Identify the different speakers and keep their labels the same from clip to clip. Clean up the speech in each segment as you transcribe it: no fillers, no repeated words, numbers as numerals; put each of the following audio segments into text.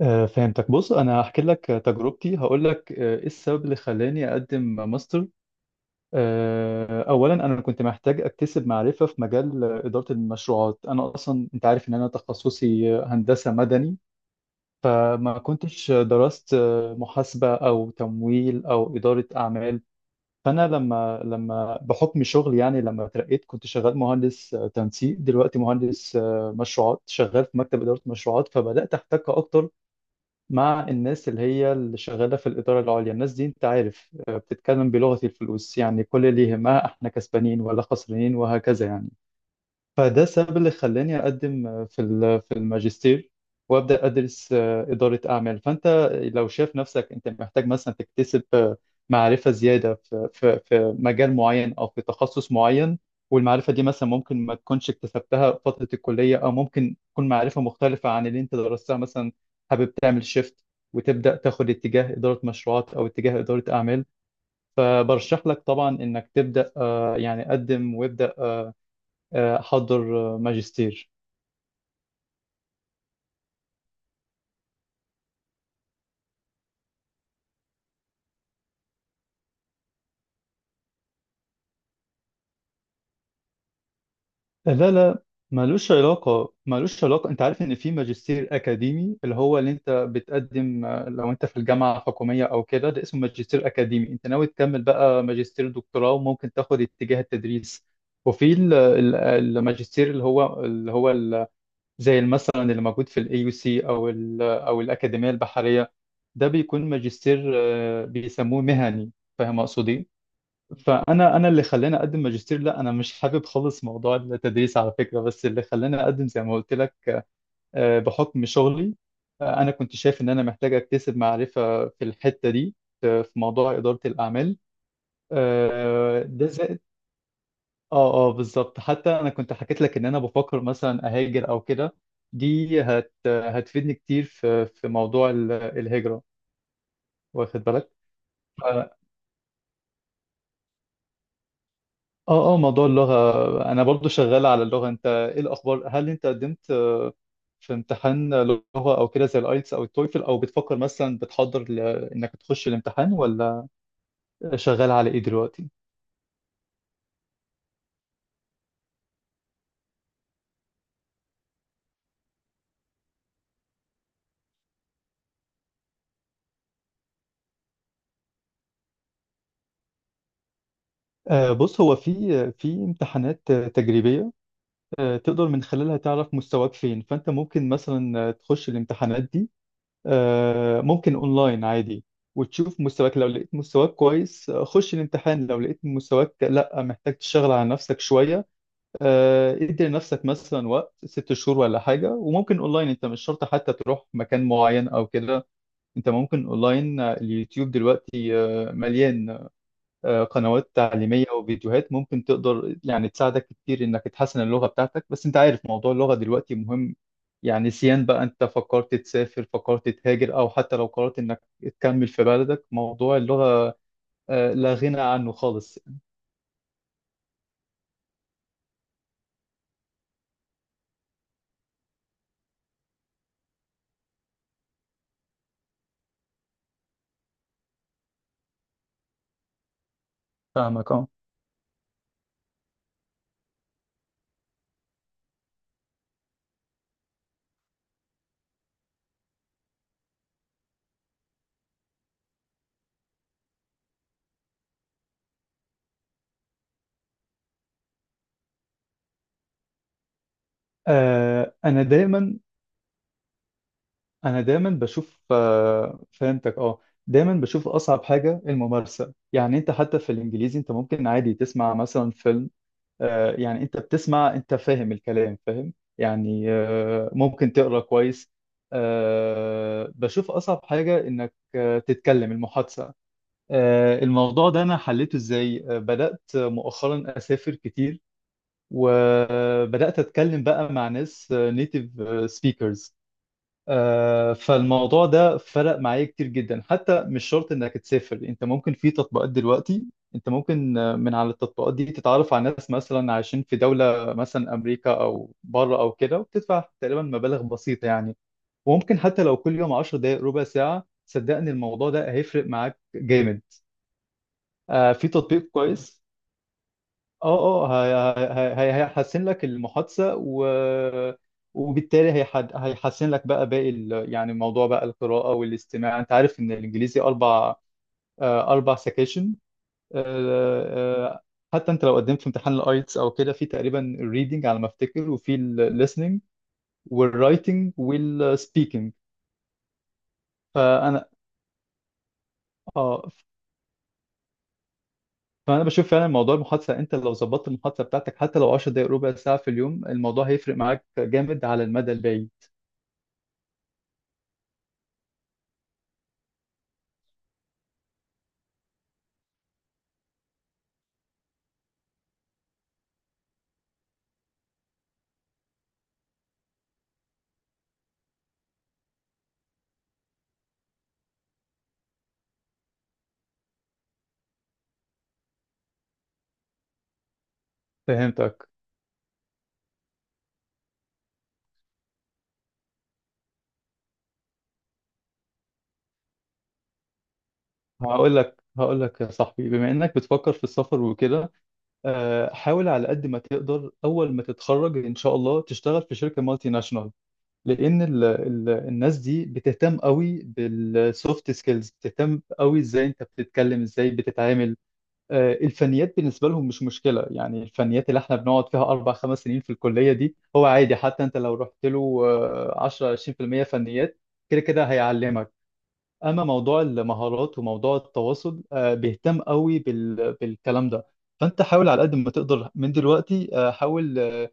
Speaker 1: فهمتك. بص، انا هحكي لك تجربتي، هقول لك ايه السبب اللي خلاني اقدم ماستر. اولا، انا كنت محتاج اكتسب معرفه في مجال اداره المشروعات. انا اصلا انت عارف ان انا تخصصي هندسه مدني، فما كنتش درست محاسبه او تمويل او اداره اعمال. فانا لما بحكم شغلي، يعني لما اترقيت كنت شغال مهندس تنسيق، دلوقتي مهندس مشروعات، شغال في مكتب اداره مشروعات. فبدات احتك اكتر مع الناس اللي هي اللي شغالة في الإدارة العليا. الناس دي أنت عارف بتتكلم بلغة الفلوس، يعني كل اللي يهمها إحنا كسبانين ولا خسرانين وهكذا يعني. فده السبب اللي خلاني أقدم في الماجستير وأبدأ أدرس إدارة أعمال. فأنت لو شايف نفسك أنت محتاج مثلا تكتسب معرفة زيادة في مجال معين أو في تخصص معين، والمعرفة دي مثلا ممكن ما تكونش اكتسبتها في فترة الكلية، أو ممكن تكون معرفة مختلفة عن اللي أنت درستها مثلا، حابب تعمل شيفت وتبدأ تاخد اتجاه إدارة مشروعات أو اتجاه إدارة أعمال. فبرشح لك طبعا إنك تبدأ، يعني قدم وابدأ، احضر ماجستير. لا، لا، ملوش علاقة، ملوش علاقة. انت عارف ان في ماجستير اكاديمي، اللي هو اللي انت بتقدم لو انت في الجامعة الحكومية او كده، ده اسمه ماجستير اكاديمي. انت ناوي تكمل بقى ماجستير دكتوراه وممكن تاخد اتجاه التدريس. وفي الماجستير زي مثلا اللي موجود في الاي يو سي، او الاكاديمية البحرية، ده بيكون ماجستير بيسموه مهني. فاهم اقصد ايه؟ فانا اللي خلاني اقدم ماجستير، لا انا مش حابب خالص موضوع التدريس على فكره. بس اللي خلاني اقدم زي ما قلت لك بحكم شغلي. انا كنت شايف ان انا محتاج اكتسب معرفه في الحته دي، في موضوع اداره الاعمال. ده زائد. اه، اه، بالظبط. حتى انا كنت حكيت لك ان انا بفكر مثلا اهاجر او كده، دي هتفيدني كتير في موضوع الهجره. واخد بالك؟ اه، اه، موضوع اللغة. انا برضو شغال على اللغة. انت ايه الاخبار؟ هل انت قدمت في امتحان لغة او كده، زي الايتس او التويفل؟ او بتفكر مثلا انك تخش الامتحان ولا؟ شغال على ايه دلوقتي؟ بص، هو في امتحانات تجريبية تقدر من خلالها تعرف مستواك فين. فانت ممكن مثلا تخش الامتحانات دي، ممكن اونلاين عادي، وتشوف مستواك. لو لقيت مستواك كويس خش الامتحان. لو لقيت مستواك لا، محتاج تشتغل على نفسك شوية، ادي لنفسك مثلا وقت 6 شهور ولا حاجة. وممكن اونلاين، انت مش شرط حتى تروح مكان معين او كده. انت ممكن اونلاين، اليوتيوب دلوقتي مليان قنوات تعليمية وفيديوهات ممكن تقدر يعني تساعدك كتير انك تحسن اللغة بتاعتك. بس انت عارف موضوع اللغة دلوقتي مهم، يعني سيان بقى انت فكرت تسافر، فكرت تهاجر، او حتى لو قررت انك تكمل في بلدك، موضوع اللغة لا غنى عنه خالص. فاهمك، اه. آه، انا دايما انا دايما بشوف، فهمتك، اه. دايما بشوف اصعب حاجه الممارسه. يعني انت حتى في الانجليزي انت ممكن عادي تسمع مثلا فيلم، يعني انت بتسمع، انت فاهم الكلام، فاهم يعني، ممكن تقرا كويس. بشوف اصعب حاجه انك تتكلم المحادثه. الموضوع ده انا حليته ازاي؟ بدات مؤخرا اسافر كتير، وبدات اتكلم بقى مع ناس نيتيف سبيكرز. فالموضوع ده فرق معايا كتير جدا. حتى مش شرط انك تسافر، انت ممكن في تطبيقات دلوقتي. انت ممكن من على التطبيقات دي تتعرف على ناس مثلا عايشين في دولة مثلا امريكا او بره او كده، وبتدفع تقريبا مبالغ بسيطة يعني. وممكن حتى لو كل يوم 10 دقائق، ربع ساعة، صدقني الموضوع ده هيفرق معاك جامد. في تطبيق كويس، اه، اه، هيحسن لك المحادثة، وبالتالي هيحسن لك بقى باقي يعني موضوع بقى القراءة والاستماع. انت عارف ان الانجليزي اربع، 4 سكيشن. حتى انت لو قدمت في امتحان الايتس او كده، في تقريبا الريدنج على ما افتكر، وفي الليسننج والرايتنج والسبيكنج. فانا اه فانا بشوف فعلا موضوع المحادثه، انت لو ظبطت المحادثه بتاعتك حتى لو 10 دقائق ربع ساعه في اليوم، الموضوع هيفرق معاك جامد على المدى البعيد. فهمتك. هقول لك يا صاحبي، بما انك بتفكر في السفر وكده، حاول على قد ما تقدر اول ما تتخرج ان شاء الله تشتغل في شركه مالتي ناشونال، لان ال ال الناس دي بتهتم قوي بالسوفت سكيلز، بتهتم قوي ازاي انت بتتكلم، ازاي بتتعامل. الفنيات بالنسبه لهم مش مشكله يعني. الفنيات اللي احنا بنقعد فيها اربع خمس سنين في الكليه دي هو عادي، حتى انت لو رحت له 10 20% فنيات، كده كده هيعلمك. اما موضوع المهارات وموضوع التواصل بيهتم قوي بالكلام ده. فانت حاول على قد ما تقدر من دلوقتي، حاول آه،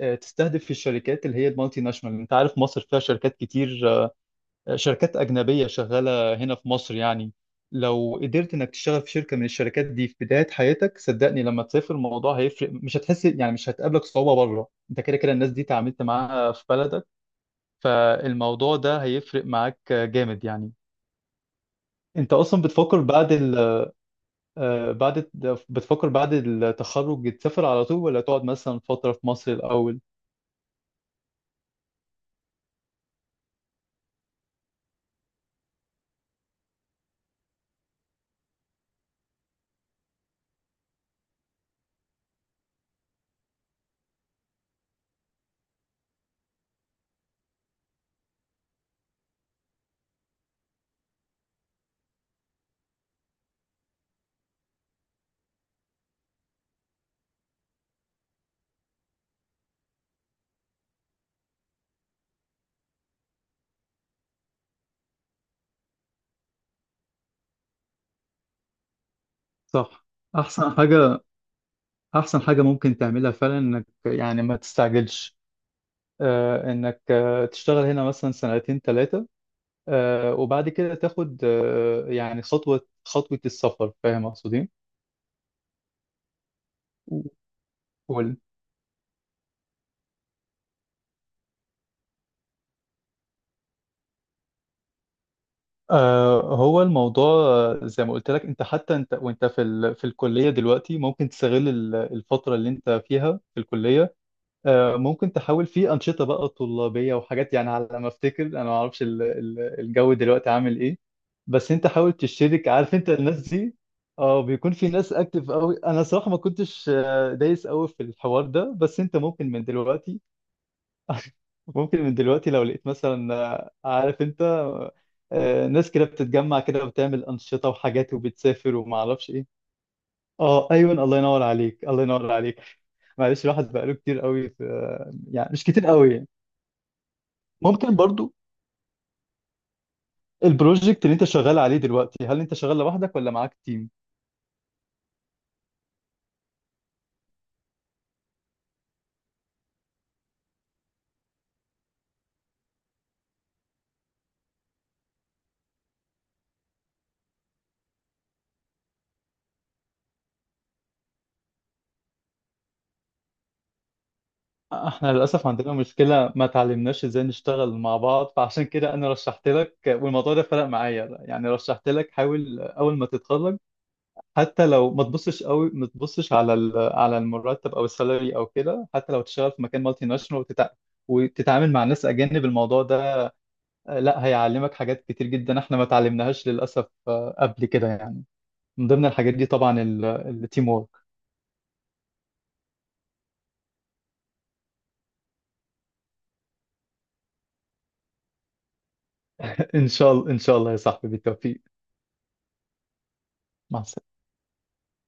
Speaker 1: آه، تستهدف في الشركات اللي هي المالتي ناشونال. انت عارف مصر فيها شركات كتير، شركات اجنبيه شغاله هنا في مصر يعني. لو قدرت انك تشتغل في شركه من الشركات دي في بدايه حياتك، صدقني لما تسافر الموضوع هيفرق، مش هتحس يعني، مش هتقابلك صعوبه بره، انت كده كده الناس دي تعاملت معاها في بلدك. فالموضوع ده هيفرق معاك جامد يعني. انت اصلا بتفكر بعد ال... آه، بعد الت- بتفكر بعد التخرج تسافر على طول، ولا تقعد مثلا فترة في مصر الأول؟ صح. احسن حاجه احسن حاجه ممكن تعملها فعلا انك يعني ما تستعجلش، انك تشتغل هنا مثلا سنتين ثلاثه، وبعد كده تاخد يعني خطوه خطوه السفر. فاهم اقصدين؟ قول. هو الموضوع زي ما قلت لك، انت حتى انت وانت في الكلية دلوقتي ممكن تستغل الفترة اللي انت فيها في الكلية. ممكن تحاول في أنشطة بقى طلابية وحاجات، يعني على ما أفتكر أنا ما أعرفش الجو دلوقتي عامل إيه. بس أنت حاول تشترك، عارف أنت الناس دي، اه، بيكون في ناس أكتف أوي. أنا صراحة ما كنتش دايس أوي في الحوار ده، بس أنت ممكن من دلوقتي. ممكن من دلوقتي لو لقيت مثلا عارف أنت ناس كده بتتجمع كده وبتعمل أنشطة وحاجات وبتسافر وما أعرفش إيه. اه، ايوه، الله ينور عليك، الله ينور عليك. معلش، الواحد بقاله كتير قوي في، يعني مش كتير قوي. ممكن برضو. البروجكت اللي انت شغال عليه دلوقتي، هل انت شغال لوحدك ولا معاك تيم؟ احنا للاسف عندنا مشكله، ما تعلمناش ازاي نشتغل مع بعض. فعشان كده انا رشحت لك، والموضوع ده فرق معايا يعني، رشحت لك حاول اول ما تتخرج. حتى لو ما تبصش قوي، ما تبصش على المرتب او السالري او كده، حتى لو تشتغل في مكان مالتي ناشونال وتتعامل مع ناس اجانب. الموضوع ده لا هيعلمك حاجات كتير جدا احنا ما اتعلمناهاش للاسف قبل كده يعني. من ضمن الحاجات دي طبعا التيم وورك. ان شاء الله، ان شاء الله يا صاحبي، بالتوفيق. مع السلامه.